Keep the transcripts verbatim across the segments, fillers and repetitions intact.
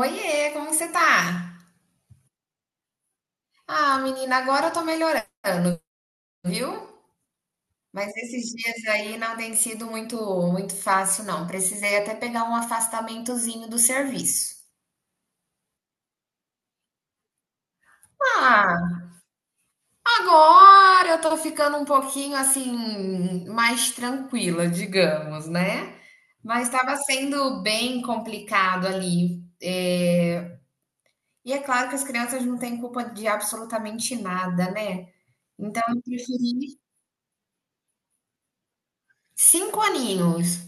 Oiê, como que você tá? Ah, menina, agora eu tô melhorando, viu? Mas esses dias aí não tem sido muito muito fácil, não. Precisei até pegar um afastamentozinho do serviço. Ah, agora eu tô ficando um pouquinho assim mais tranquila, digamos, né? Mas estava sendo bem complicado ali. É, E é claro que as crianças não têm culpa de absolutamente nada, né? Então eu preferi cinco aninhos.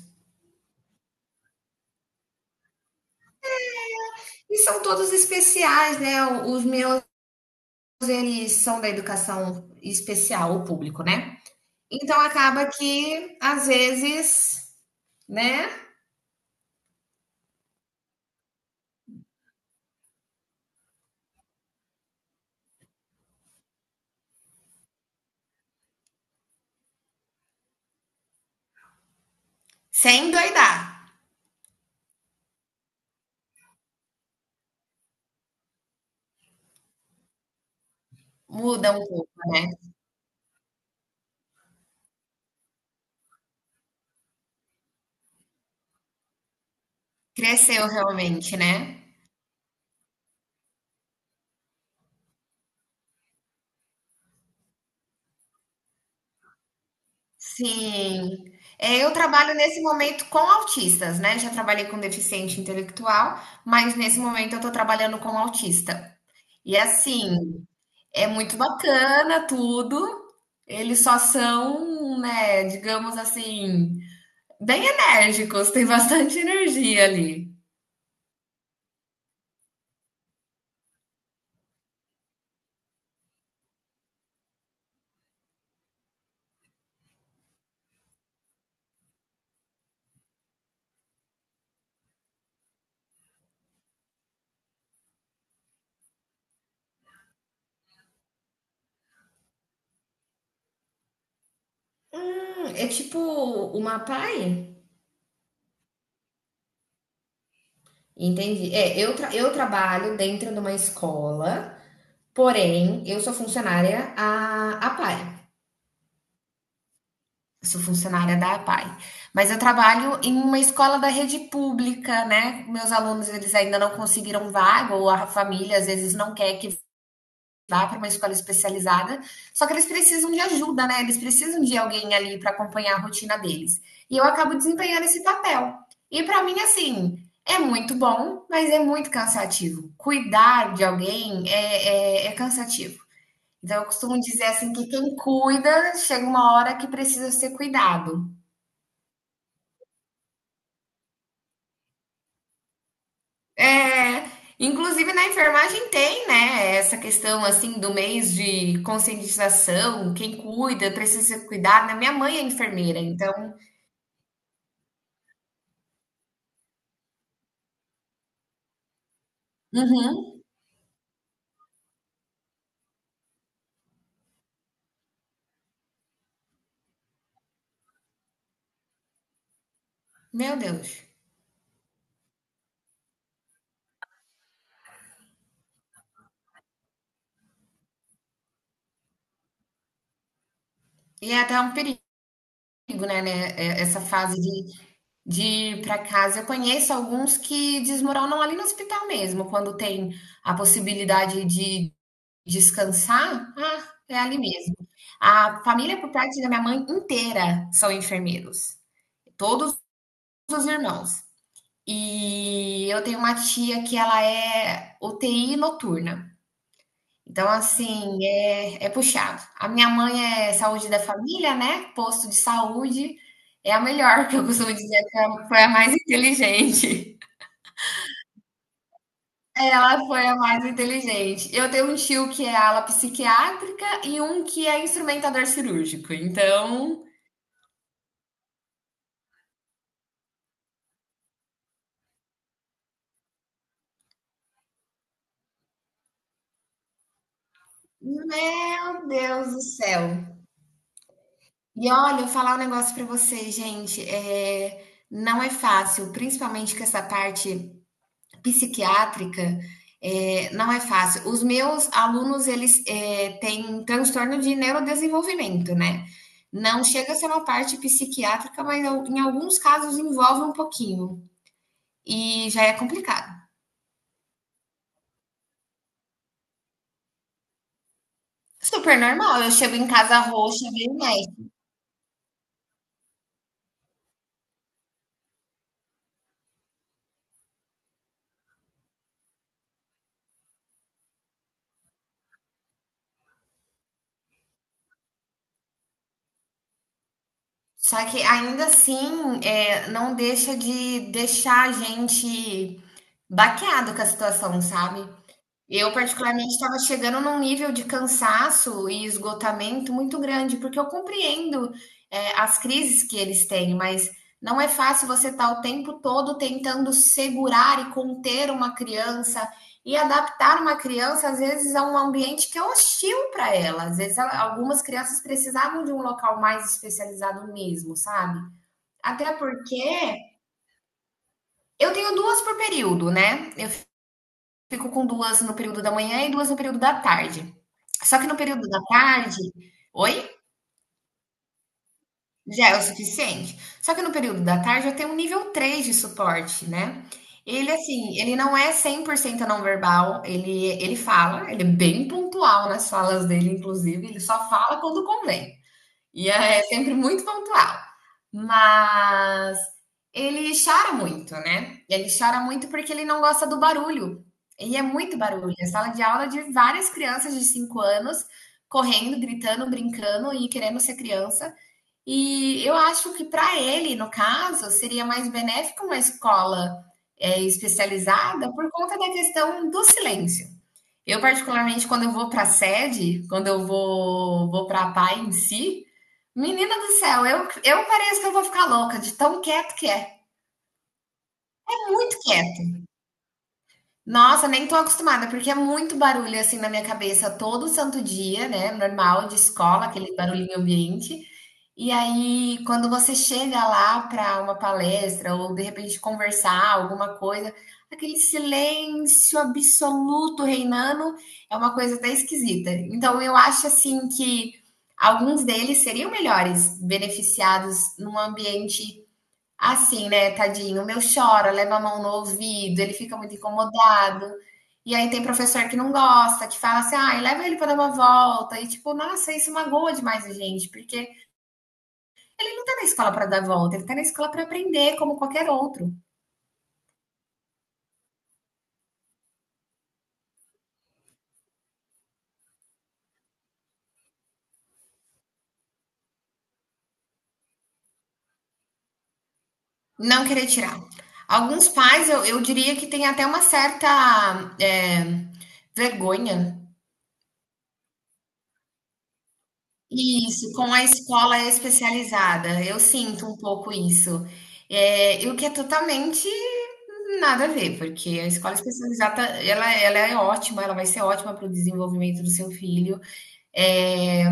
E são todos especiais, né? Os meus, eles são da educação especial, o público, né? Então acaba que, às vezes, né? Sem doidar. Muda um pouco, né? Cresceu realmente, né? Sim. É, eu trabalho nesse momento com autistas, né? Já trabalhei com deficiente intelectual, mas nesse momento eu tô trabalhando com autista. E assim, é muito bacana tudo. Eles só são, né, digamos assim, bem enérgicos, tem bastante energia ali. Hum, é tipo uma P A I? Entendi. É, eu, tra- eu trabalho dentro de uma escola, porém, eu sou funcionária a APAE. Sou funcionária da APAE, mas eu trabalho em uma escola da rede pública, né? Meus alunos, eles ainda não conseguiram vaga, ou a família às vezes não quer que vá para uma escola especializada, só que eles precisam de ajuda, né? Eles precisam de alguém ali para acompanhar a rotina deles. E eu acabo desempenhando esse papel. E para mim, assim, é muito bom, mas é muito cansativo. Cuidar de alguém é, é, é cansativo. Então, eu costumo dizer assim que quem cuida chega uma hora que precisa ser cuidado. É, inclusive na enfermagem tem, né, essa questão assim do mês de conscientização, quem cuida, precisa se cuidar, né? Minha mãe é enfermeira, então, uhum, meu Deus. E é até um perigo, né, né, é- essa fase de, de ir para casa. Eu conheço alguns que desmoronam ali no hospital mesmo, quando tem a possibilidade de descansar, ah, é ali mesmo. A família por parte da minha mãe inteira são enfermeiros, todos os irmãos. E eu tenho uma tia que ela é U T I noturna. Então, assim, é, é puxado. A minha mãe é saúde da família, né? Posto de saúde. É a melhor, que eu costumo dizer que ela foi a mais inteligente. Ela foi a mais inteligente. Eu tenho um tio que é ala psiquiátrica e um que é instrumentador cirúrgico. Então, meu Deus do céu. E olha, eu falar um negócio pra você, gente, é não é fácil, principalmente com essa parte psiquiátrica, é não é fácil. Os meus alunos, eles, eh, têm um transtorno de neurodesenvolvimento, né. Não chega a ser uma parte psiquiátrica, mas al em alguns casos envolve um pouquinho, e já é complicado. Super normal, eu chego em casa roxa, veio o só que ainda assim, é, não deixa de deixar a gente baqueado com a situação, sabe? Eu, particularmente, estava chegando num nível de cansaço e esgotamento muito grande, porque eu compreendo, eh, as crises que eles têm, mas não é fácil você estar o tempo todo tentando segurar e conter uma criança e adaptar uma criança, às vezes, a um ambiente que é hostil para ela. Às vezes, ela- algumas crianças precisavam de um local mais especializado mesmo, sabe? Até porque eu tenho duas por período, né? Fico com duas no período da manhã e duas no período da tarde. Só que no período da tarde oi? Já é o suficiente? Só que no período da tarde eu tenho um nível três de suporte, né. Ele, assim, ele não é cem por cento não verbal, ele ele fala, ele é bem pontual nas falas dele inclusive, ele só fala quando convém. E é sempre muito pontual. Mas ele chora muito, né? Ele chora muito porque ele não gosta do barulho. E é muito barulho. É sala de aula de várias crianças de cinco anos correndo, gritando, brincando e querendo ser criança. E eu acho que para ele, no caso, seria mais benéfico uma escola é, especializada por conta da questão do silêncio. Eu, particularmente, quando eu vou para a sede, quando eu vou, vou para a P A I em si, menina do céu, eu, eu pareço que eu vou ficar louca de tão quieto que é. É muito quieto. Nossa, nem tô acostumada, porque é muito barulho assim na minha cabeça todo santo dia, né? Normal, de escola, aquele barulhinho ambiente. E aí, quando você chega lá para uma palestra ou de repente conversar alguma coisa, aquele silêncio absoluto reinando é uma coisa até esquisita. Então, eu acho assim que alguns deles seriam melhores beneficiados num ambiente assim, né? Tadinho, o meu chora, leva a mão no ouvido, ele fica muito incomodado. E aí tem professor que não gosta, que fala assim, ah, leva ele para dar uma volta. E tipo, nossa, isso magoa demais a gente, porque está na escola para dar volta, ele está na escola para aprender, como qualquer outro. Não querer tirar. Alguns pais, eu, eu diria que tem até uma certa é, vergonha. Isso, com a escola especializada. Eu sinto um pouco isso. É, e o que é totalmente nada a ver, porque a escola especializada, ela, ela é ótima, ela vai ser ótima para o desenvolvimento do seu filho. É,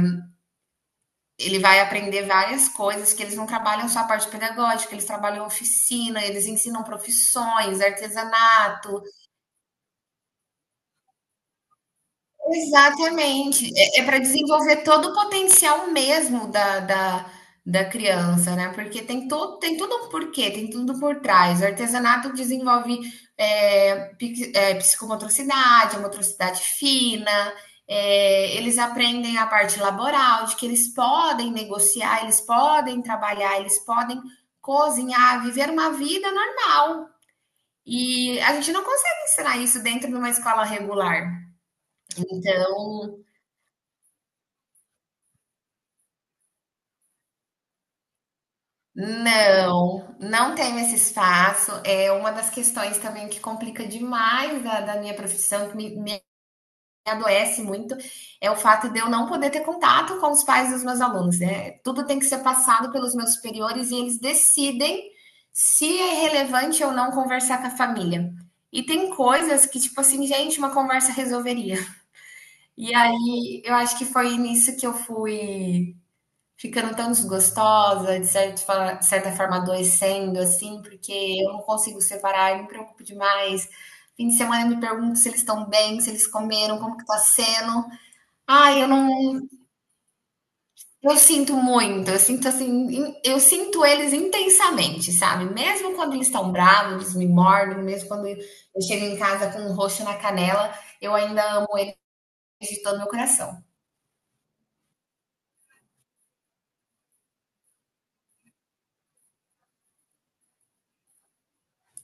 ele vai aprender várias coisas que eles não trabalham só a parte pedagógica, eles trabalham oficina, eles ensinam profissões, artesanato, exatamente. É, é para desenvolver todo o potencial mesmo da, da, da criança, né? Porque tem todo, tem tudo um porquê, tem tudo por trás. O artesanato desenvolve é, pic- é, psicomotricidade, a motricidade fina, é, eles aprendem a parte laboral, de que eles podem negociar, eles podem trabalhar, eles podem cozinhar, viver uma vida normal. E a gente não consegue ensinar isso dentro de uma escola regular. Então não, não tenho esse espaço. É uma das questões também que complica demais da, da minha profissão, que me, me adoece muito, é o fato de eu não poder ter contato com os pais dos meus alunos, né? Tudo tem que ser passado pelos meus superiores e eles decidem se é relevante ou não conversar com a família. E tem coisas que, tipo assim, gente, uma conversa resolveria. E aí eu acho que foi nisso que eu fui ficando tão desgostosa, de certa fa certa forma adoecendo, assim, porque eu não consigo separar, eu me preocupo demais. Fim de semana eu me pergunto se eles estão bem, se eles comeram, como que tá sendo. Ai, eu não eu sinto muito, eu sinto assim, in eu sinto eles intensamente, sabe. Mesmo quando eles estão bravos, eles me mordem, mesmo quando eu chego em casa com um roxo na canela, eu ainda amo eles de todo meu coração.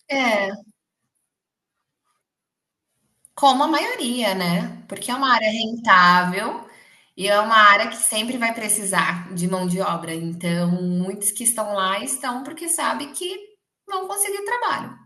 É. Como a maioria, né, porque é uma área rentável e é uma área que sempre vai precisar de mão de obra, então muitos que estão lá estão porque sabem que vão conseguir trabalho.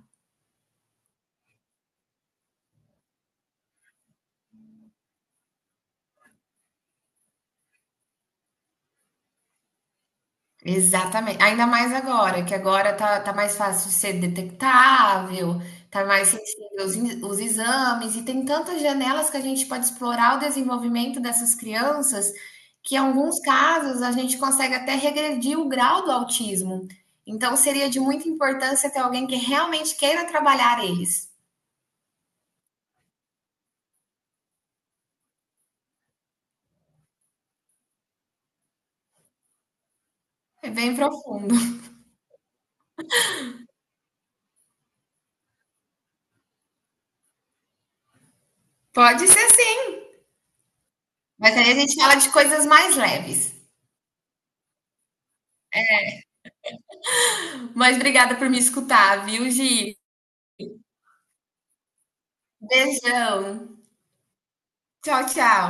Exatamente. Ainda mais agora, que agora tá, tá mais fácil ser detectável, tá mais sensível os, in- os exames, e tem tantas janelas que a gente pode explorar o desenvolvimento dessas crianças, que em alguns casos a gente consegue até regredir o grau do autismo. Então seria de muita importância ter alguém que realmente queira trabalhar eles. É bem profundo. Pode ser sim, mas aí a gente fala de coisas mais leves. Mas obrigada por me escutar, viu, Gi? Beijão. Tchau, tchau.